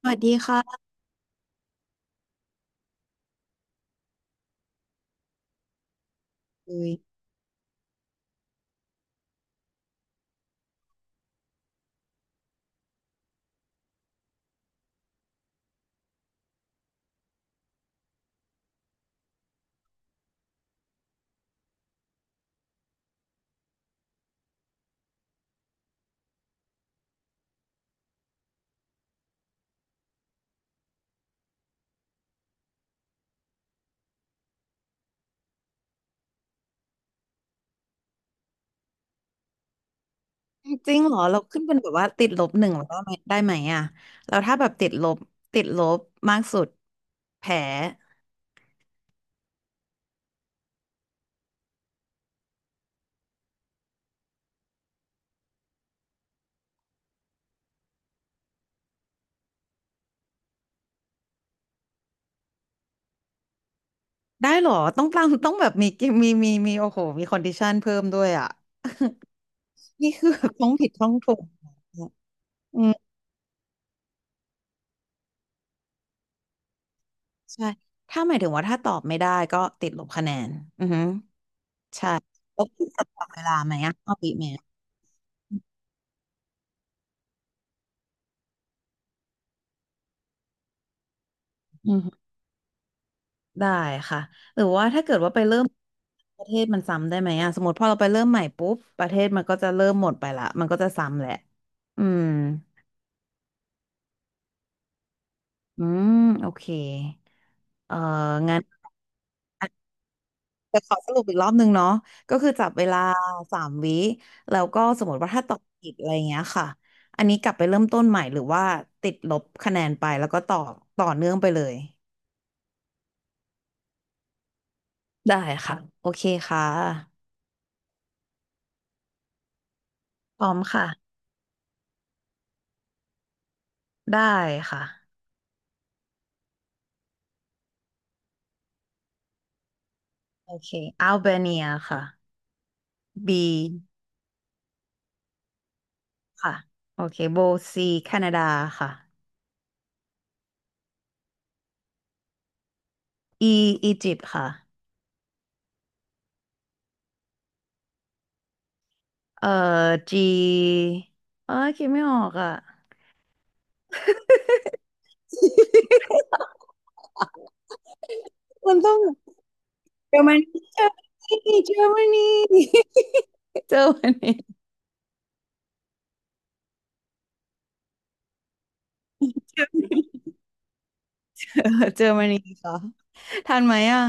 สวัสดีค่ะเลยจริงเหรอเราขึ้นเป็นแบบว่าติดลบหนึ่งแล้วได้ไหมอ่ะเราถ้าแบบติดลบมากสุดแผลได้เหรอต้องแบบมีมีมีมีโอ้โหมีคอนดิชันเพิ่มด้วยอ่ะนี่คือแบบต้องผิดต้องถูกอืมใช่ถ้าหมายถึงว่าถ้าตอบไม่ได้ก็ติดลบคะแนนอือฮึใช่แล้วคุณจะตอบเวลาไหมอ่ะเอาปีไหม ได้ค่ะหรือว่าถ้าเกิดว่าไปเริ่มประเทศมันซ้ำได้ไหมอ่ะสมมติพอเราไปเริ่มใหม่ปุ๊บประเทศมันก็จะเริ่มหมดไปละมันก็จะซ้ำแหละอืมอืมโอเคเอ่องั้นจะขอสรุปอีกรอบนึงเนาะก็คือจับเวลาสามวิแล้วก็สมมติว่าถ้าตอบผิดอะไรเงี้ยค่ะอันนี้กลับไปเริ่มต้นใหม่หรือว่าติดลบคะแนนไปแล้วก็ต่อเนื่องไปเลยได้ค่ะโอเคค่ะพร้อมค่ะได้ค่ะโอเคอัลเบเนียค่ะ B ค่ะโอเคโบ C แคนาดาค่ะ E อียิปต์ค่ะเอ่อ G เอ้ยคิดไม่ออกอ่ะมันต้องเยอรมนีเจอรมนีเยอรมนีเจอมันนี้เออเจอมันนี้ ค่ะทันไหมอ่ะ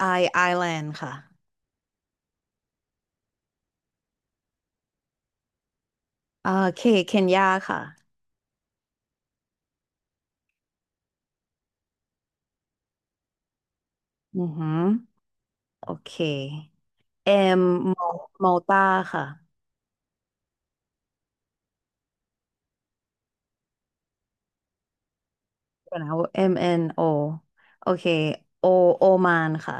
I Island ค่ะอ่าเคเคนยาค่ะอือหือโอเค M มอลตาค่ะเดี๋ยวนะ M N O โอเค O โอมานค่ะ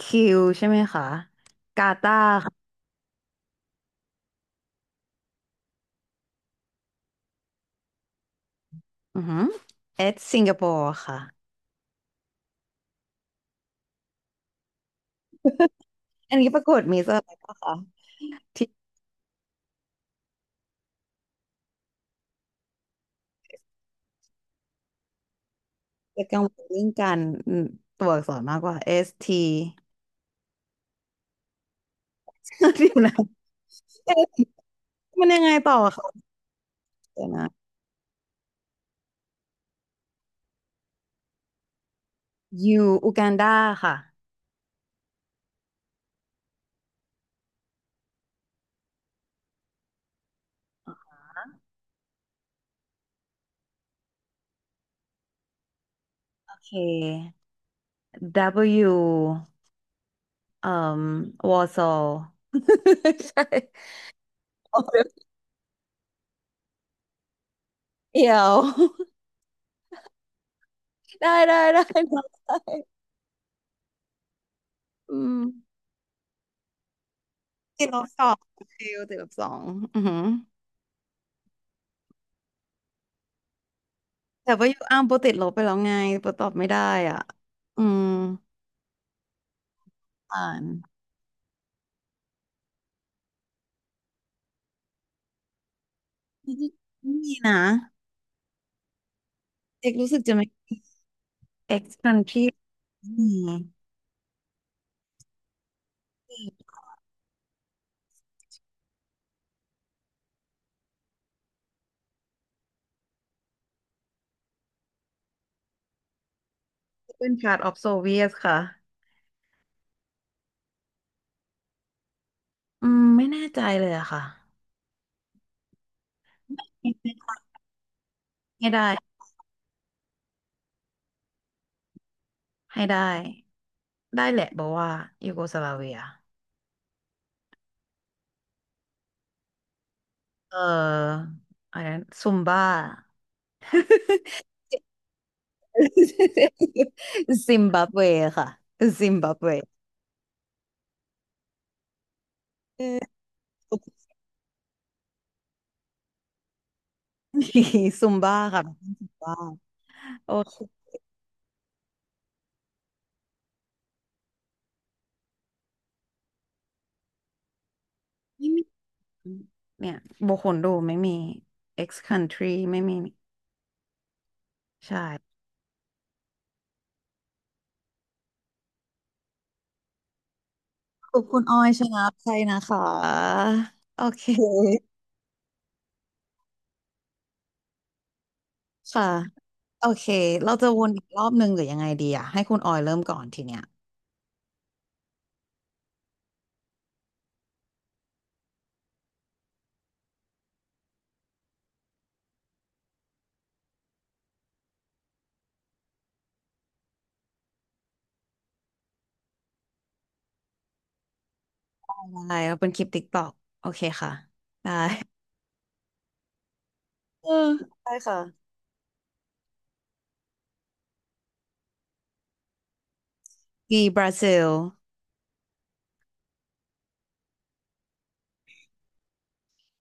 คิวใช่ไหมคะกาตาร์ค่ะอือหือเอสสิงคโปร์ค่ะอันนี้ปรากฏมีเซอร์อะไรปะคะที่จะกังวลเรื่องการอืมตัวอักษรมากกว่า S T เดี๋ยวนะ S มันยังไงต่อคะเดี๋ยวนะ U อูกันดาค่ะโอเค W เอ่มวอร์ซอ ลใช่โอเคเดี๋ยว ได้ได้ ได้ได้อืมติดลบสองคิวติดลบสองอือหือ แต่ว่ายูอ้ามโปรติดลบไปแล้วไงโปรตอบไม่ได้อ่ะ อืมอ่านไม่มีนะเอกรู้สึกจะไม่ ex country อืมเป็น part of Soviet ค่ะอืมไม่แน่ใจเลยอะค่ะให้ได้ ให้ได้ ได้แหละบอกว่ายูโกสลาเวียเอออะไรนะซุมบ้า ซิมบับเวค่ะซิมบับเว เออซุมบ้าค่ะซุมบ้าโอเค ไม่มีเนี่ยโบคนดูไม่มี X country ไม่มีใช่ขอบคุณออยชนะใจนะคะโอเคค่ะโอเคเราจะวนอีกรอบหนึ่งหรือยังไงดีอ่ะให้คุณออยเริ่มก่อนทีเนี้ยได้เราเป็นคลิปติ๊กตอกโอเคค่ะได้เออได้ค่ะ b บราซิล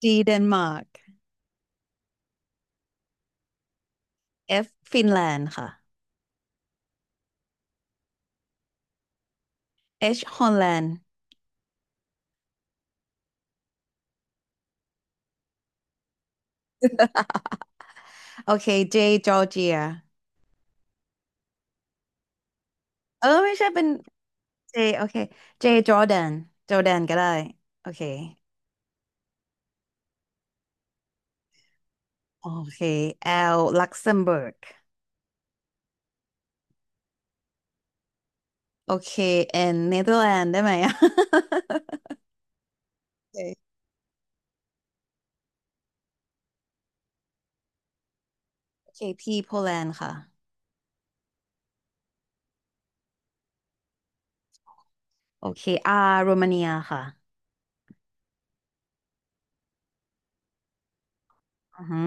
D เดนมาร์ก F ฟินแลนด์ค่ะ H ฮอลแลนด์โอเค J จอร์เจียเออไม่ใช่เป็น เจโอเคเจจอร์แดนจอร์แดนก็ได้โอเคโอเคแอลลักเซมเบิร์กโอเคแอนเนเธอร์แลนด์ได้ไหมอะ โอเคโอเคพีโปแลนด์ค่ะโอเคอาร์โรมาเนียค่ะอือฮึ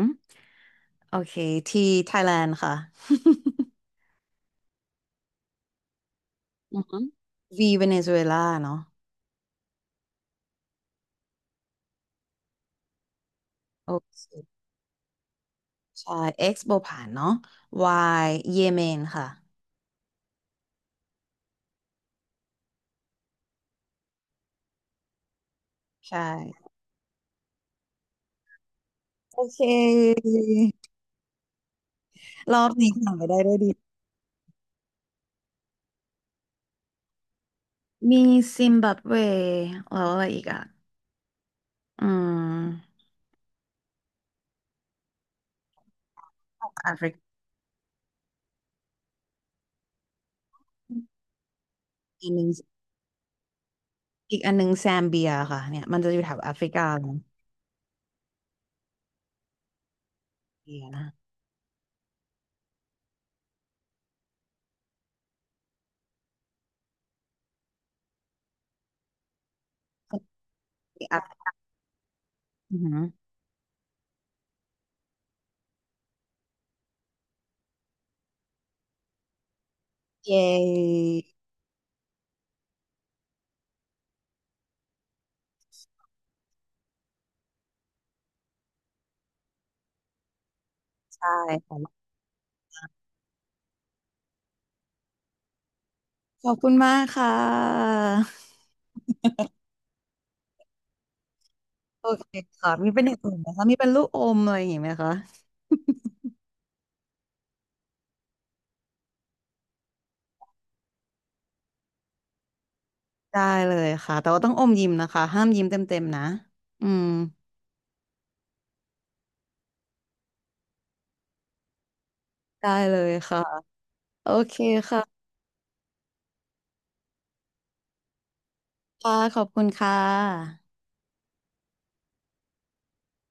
โอเคทีไทยแลนด์ค่ะ อือฮึวีเวเนซุเอลาเนาะโอเคใช่ X โบผานเนาะ Y เยเมนค่ะใช่โอเครอบนี้ผ่านไปได้ด้วยดี มีซิมบับเวแล้วอะไรอีกอ่ะอืมแอฟริกาอันหนึ่งอีกอันหนึ่งแซมเบียค่ะเนี่ยมันจะอยู่แถวแอฟริกาเลยเบียนะอีกอันอือหือเย้ใช่ค่ะขอบคุณมากค่ะ โอเคค่ะ มีเป็นอย่างอื่นไหมคะมีเป็นลูกอมอะไรอย่างงี้ไหมคะ ได้เลยค่ะ แต่ว่าต้องอมยิ้มนะคะ ห้ามยิ้มเต็มๆนะ อืมได้เลยค่ะ โอเคค่ะค่ะขอบคุณค่ะ